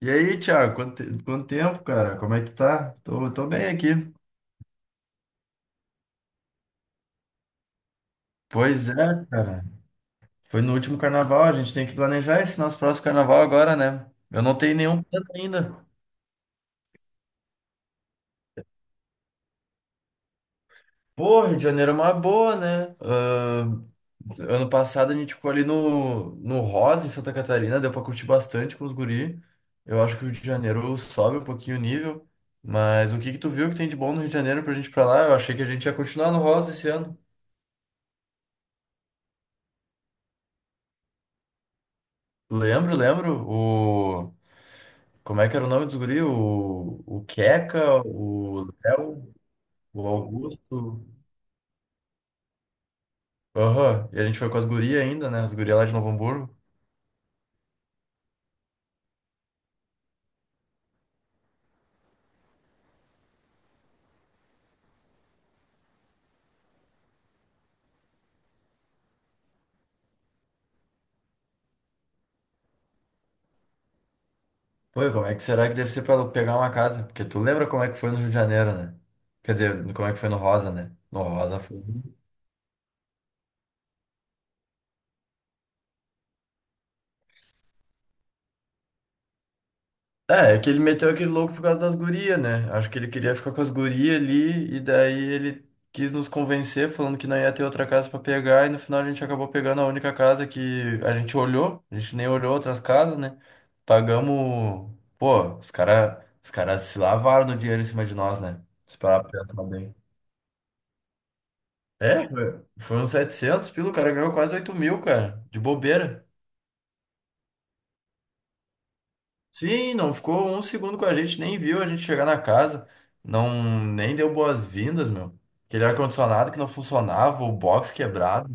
E aí, Thiago, quanto tempo, cara? Como é que tu tá? Tô bem aqui. Pois é, cara. Foi no último carnaval, a gente tem que planejar esse nosso próximo carnaval agora, né? Eu não tenho nenhum plano ainda. Pô, Rio de Janeiro é uma boa, né? Ano passado a gente ficou ali no Rosa, em Santa Catarina, deu pra curtir bastante com os guri. Eu acho que o Rio de Janeiro sobe um pouquinho o nível. Mas o que que tu viu que tem de bom no Rio de Janeiro pra gente ir pra lá? Eu achei que a gente ia continuar no Rosa esse ano. Lembro, lembro. Como é que era o nome dos guri? O Queca, o Léo, o Augusto. Aham, e a gente foi com as gurias ainda, né? As gurias lá de Novo Hamburgo. Pô, e como é que será que deve ser pra pegar uma casa? Porque tu lembra como é que foi no Rio de Janeiro, né? Quer dizer, como é que foi no Rosa, né? No Rosa foi. É que ele meteu aquele louco por causa das gurias, né? Acho que ele queria ficar com as gurias ali, e daí ele quis nos convencer, falando que não ia ter outra casa pra pegar, e no final a gente acabou pegando a única casa que a gente olhou, a gente nem olhou outras casas, né? Pagamos. Pô, os caras os cara se lavaram no dinheiro em cima de nós, né? Se parar pra pensar bem. É, foi uns 700 pila, o cara ganhou quase 8 mil, cara, de bobeira. Sim, não ficou um segundo com a gente, nem viu a gente chegar na casa, não nem deu boas-vindas, meu. Aquele ar-condicionado que não funcionava, o box quebrado.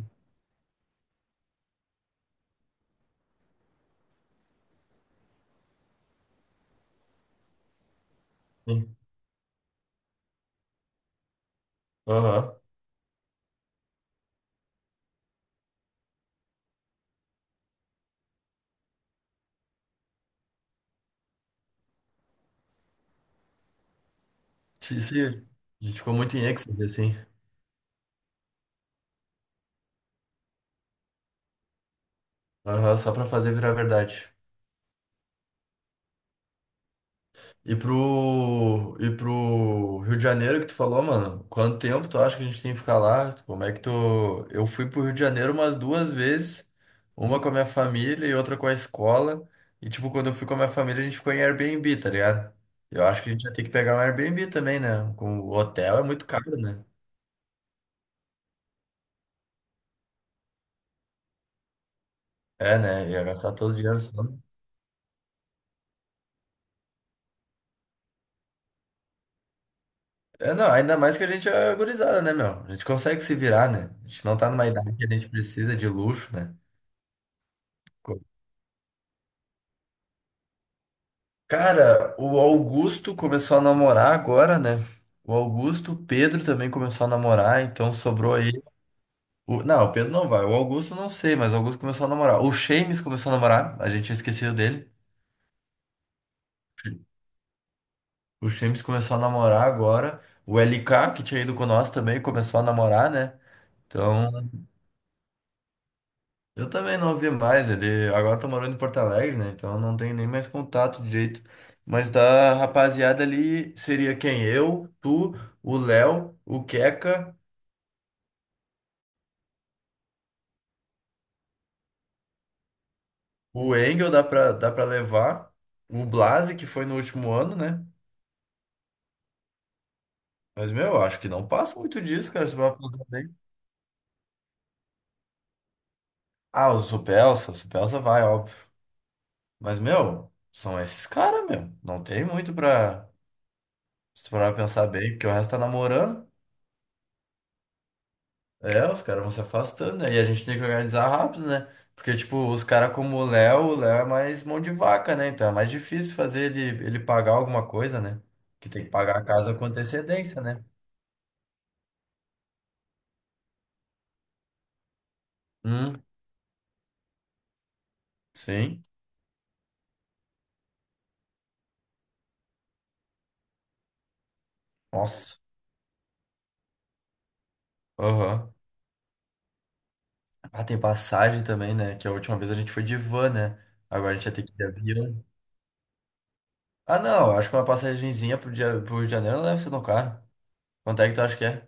Sim. Aham. Isso, a gente ficou muito em êxtase, assim. Aham, só pra fazer virar verdade. E pro Rio de Janeiro que tu falou, mano, quanto tempo tu acha que a gente tem que ficar lá? Como é que tu. Eu fui pro Rio de Janeiro umas duas vezes, uma com a minha família e outra com a escola. E tipo, quando eu fui com a minha família, a gente ficou em Airbnb, tá ligado? Eu acho que a gente vai ter que pegar um Airbnb também, né? Com o hotel é muito caro, né? É, né? Ia gastar todo o dinheiro só. É, não, ainda mais que a gente é gurizada, né, meu? A gente consegue se virar, né? A gente não tá numa idade que a gente precisa de luxo, né? Cara, o Augusto começou a namorar agora, né? O Augusto, o Pedro também começou a namorar, então sobrou aí. Não, o Pedro não vai. O Augusto não sei, mas o Augusto começou a namorar. O Shames começou a namorar, a gente tinha esquecido dele. O Shames começou a namorar agora. O LK, que tinha ido com nós também, começou a namorar, né? Então, eu também não ouvi mais. Ele agora tá morando em Porto Alegre, né? Então eu não tenho nem mais contato direito. Mas da rapaziada ali seria quem? Eu, tu. O Léo, o Queca. O Engel dá pra levar. O Blase, que foi no último ano, né? Mas, meu, eu acho que não passa muito disso, cara. Se vai aposar bem. Ah, o Supelsa vai, óbvio. Mas, meu, são esses caras, meu. Não tem muito pra, se tu parar pra pensar bem, porque o resto tá namorando. É, os caras vão se afastando, né? E a gente tem que organizar rápido, né? Porque, tipo, os caras como o Léo é mais mão de vaca, né? Então é mais difícil fazer ele pagar alguma coisa, né? Que tem que pagar a casa com antecedência, né? Hum, sim. Nossa. Aham. Ah, tem passagem também, né? Que a última vez a gente foi de van, né? Agora a gente vai ter que ir de avião. Ah, não. Acho que uma passagenzinha pro dia, pro Rio de Janeiro não deve ser tão caro. Quanto é que tu acha que é?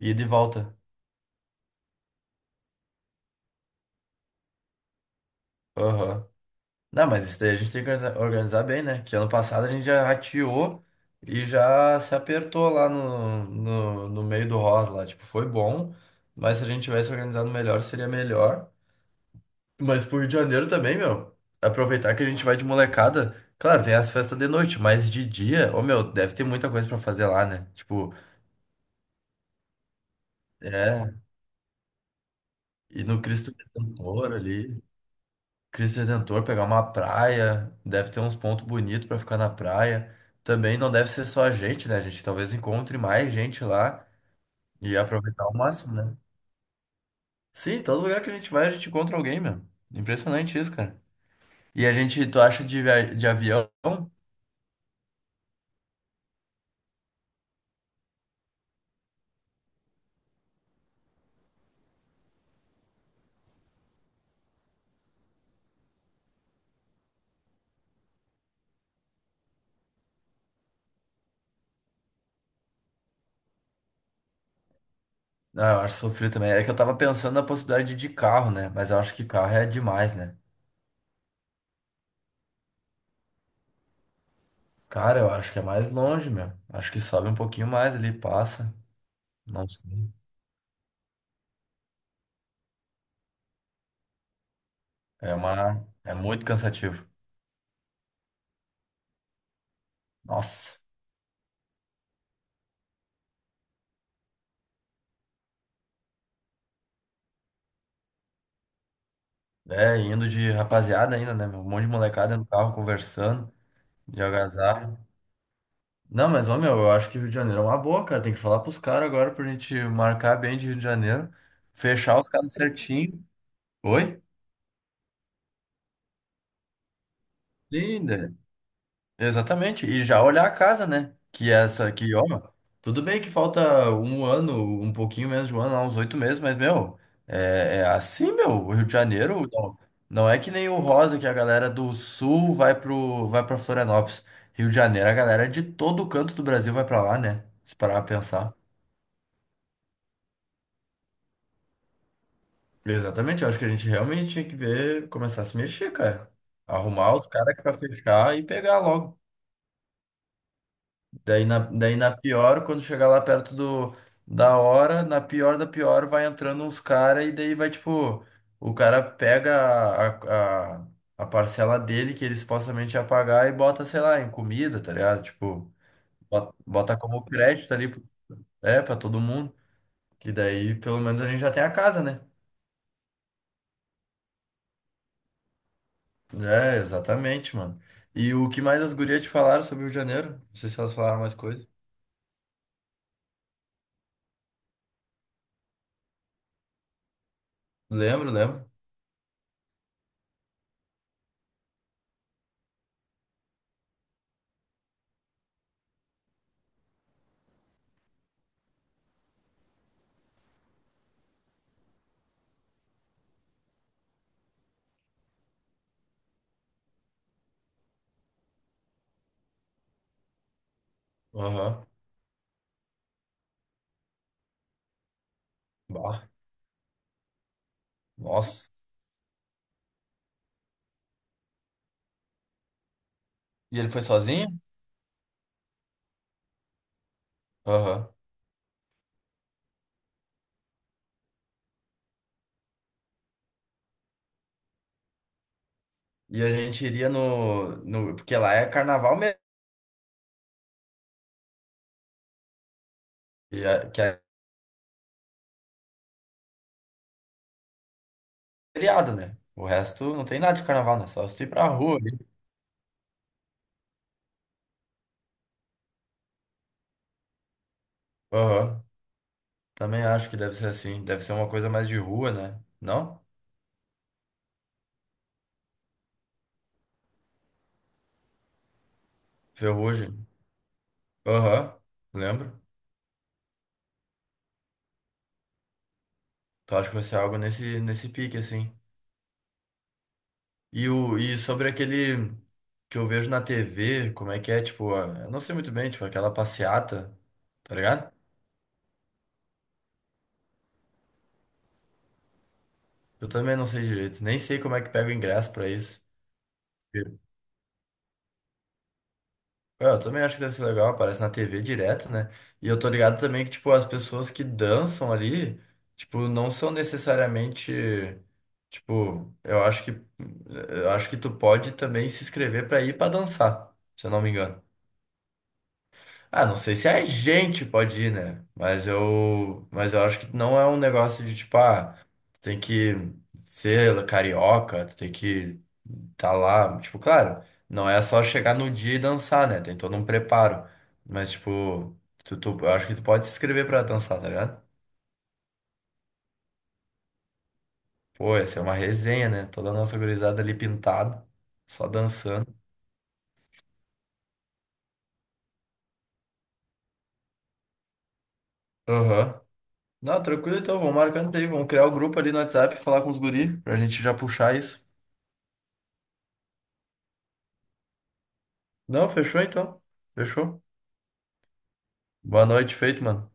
Ida e volta. Aham. Não, mas isso daí a gente tem que organizar bem, né? Que ano passado a gente já rateou e já se apertou lá no meio do rosa lá. Tipo, foi bom, mas se a gente tivesse organizado melhor, seria melhor. Mas pro Rio de Janeiro também, meu. Aproveitar que a gente vai de molecada. Claro, tem as festas de noite, mas de dia, ô meu, deve ter muita coisa pra fazer lá, né? Tipo, é, ir no Cristo Redentor ali. Cristo Redentor, pegar uma praia. Deve ter uns pontos bonitos pra ficar na praia. Também não deve ser só a gente, né? A gente talvez encontre mais gente lá e aproveitar ao máximo, né? Sim, todo lugar que a gente vai, a gente encontra alguém, meu. Impressionante isso, cara. E a gente, tu acha de avião? Ah, eu acho sofrido também. É que eu tava pensando na possibilidade de carro, né? Mas eu acho que carro é demais, né? Cara, eu acho que é mais longe, meu. Acho que sobe um pouquinho mais ali, passa. Não sei. É muito cansativo. Nossa. É, indo de rapaziada ainda, né, meu? Um monte de molecada no carro conversando, de algazarra. Não, mas, ô, meu, eu acho que Rio de Janeiro é uma boa, cara. Tem que falar pros caras agora pra gente marcar bem de Rio de Janeiro. Fechar os caras certinho. Oi? Linda. Exatamente, e já olhar a casa, né? Que é essa aqui, ó, tudo bem que falta um ano, um pouquinho menos de um ano, lá, uns 8 meses, mas, meu, é assim, meu, o Rio de Janeiro não é que nem o Rosa, que a galera do Sul vai pra Florianópolis. Rio de Janeiro, a galera de todo canto do Brasil vai pra lá, né? Se parar pra pensar. Exatamente, eu acho que a gente realmente tinha que ver, começar a se mexer, cara. Arrumar os caras pra fechar e pegar logo. Daí na pior, quando chegar lá perto da hora, na pior da pior, vai entrando uns caras e daí vai tipo, o cara pega a, a, a parcela dele que ele supostamente ia pagar e bota, sei lá, em comida, tá ligado? Tipo, bota, bota como crédito ali, é, pra todo mundo. Que daí pelo menos a gente já tem a casa, né? É, exatamente, mano. E o que mais as gurias te falaram sobre o Rio de Janeiro? Não sei se elas falaram mais coisa. Lembro, lembro. Aham. Bah. Nossa. E ele foi sozinho? Aham. E a gente iria no. Porque lá é carnaval mesmo, e que é feriado, né? O resto não tem nada de carnaval, né? Só se tu ir pra rua ali. Aham. Também acho que deve ser assim. Deve ser uma coisa mais de rua, né? Não? Ferrugem. Aham. Lembro. Então acho que vai ser algo nesse pique, assim. E sobre aquele que eu vejo na TV, como é que é, tipo, eu não sei muito bem, tipo, aquela passeata, tá ligado? Eu também não sei direito. Nem sei como é que pega o ingresso pra isso. É, eu também acho que deve ser legal, aparece na TV direto, né? E eu tô ligado também que, tipo, as pessoas que dançam ali, tipo, não são necessariamente, tipo, eu acho que tu pode também se inscrever pra ir pra dançar, se eu não me engano. Ah, não sei se a gente pode ir, né? Mas eu acho que não é um negócio de tipo, ah, tu tem que ser carioca, tu tem que tá lá. Tipo, claro, não é só chegar no dia e dançar, né? Tem todo um preparo. Mas, tipo, eu acho que tu pode se inscrever pra dançar, tá ligado? Pô, ia ser uma resenha, né? Toda a nossa gurizada ali pintada, só dançando. Aham. Não, tranquilo então, vamos marcando isso aí, vamos criar o grupo ali no WhatsApp, falar com os guri, pra gente já puxar isso. Não, fechou então. Fechou. Boa noite, feito, mano.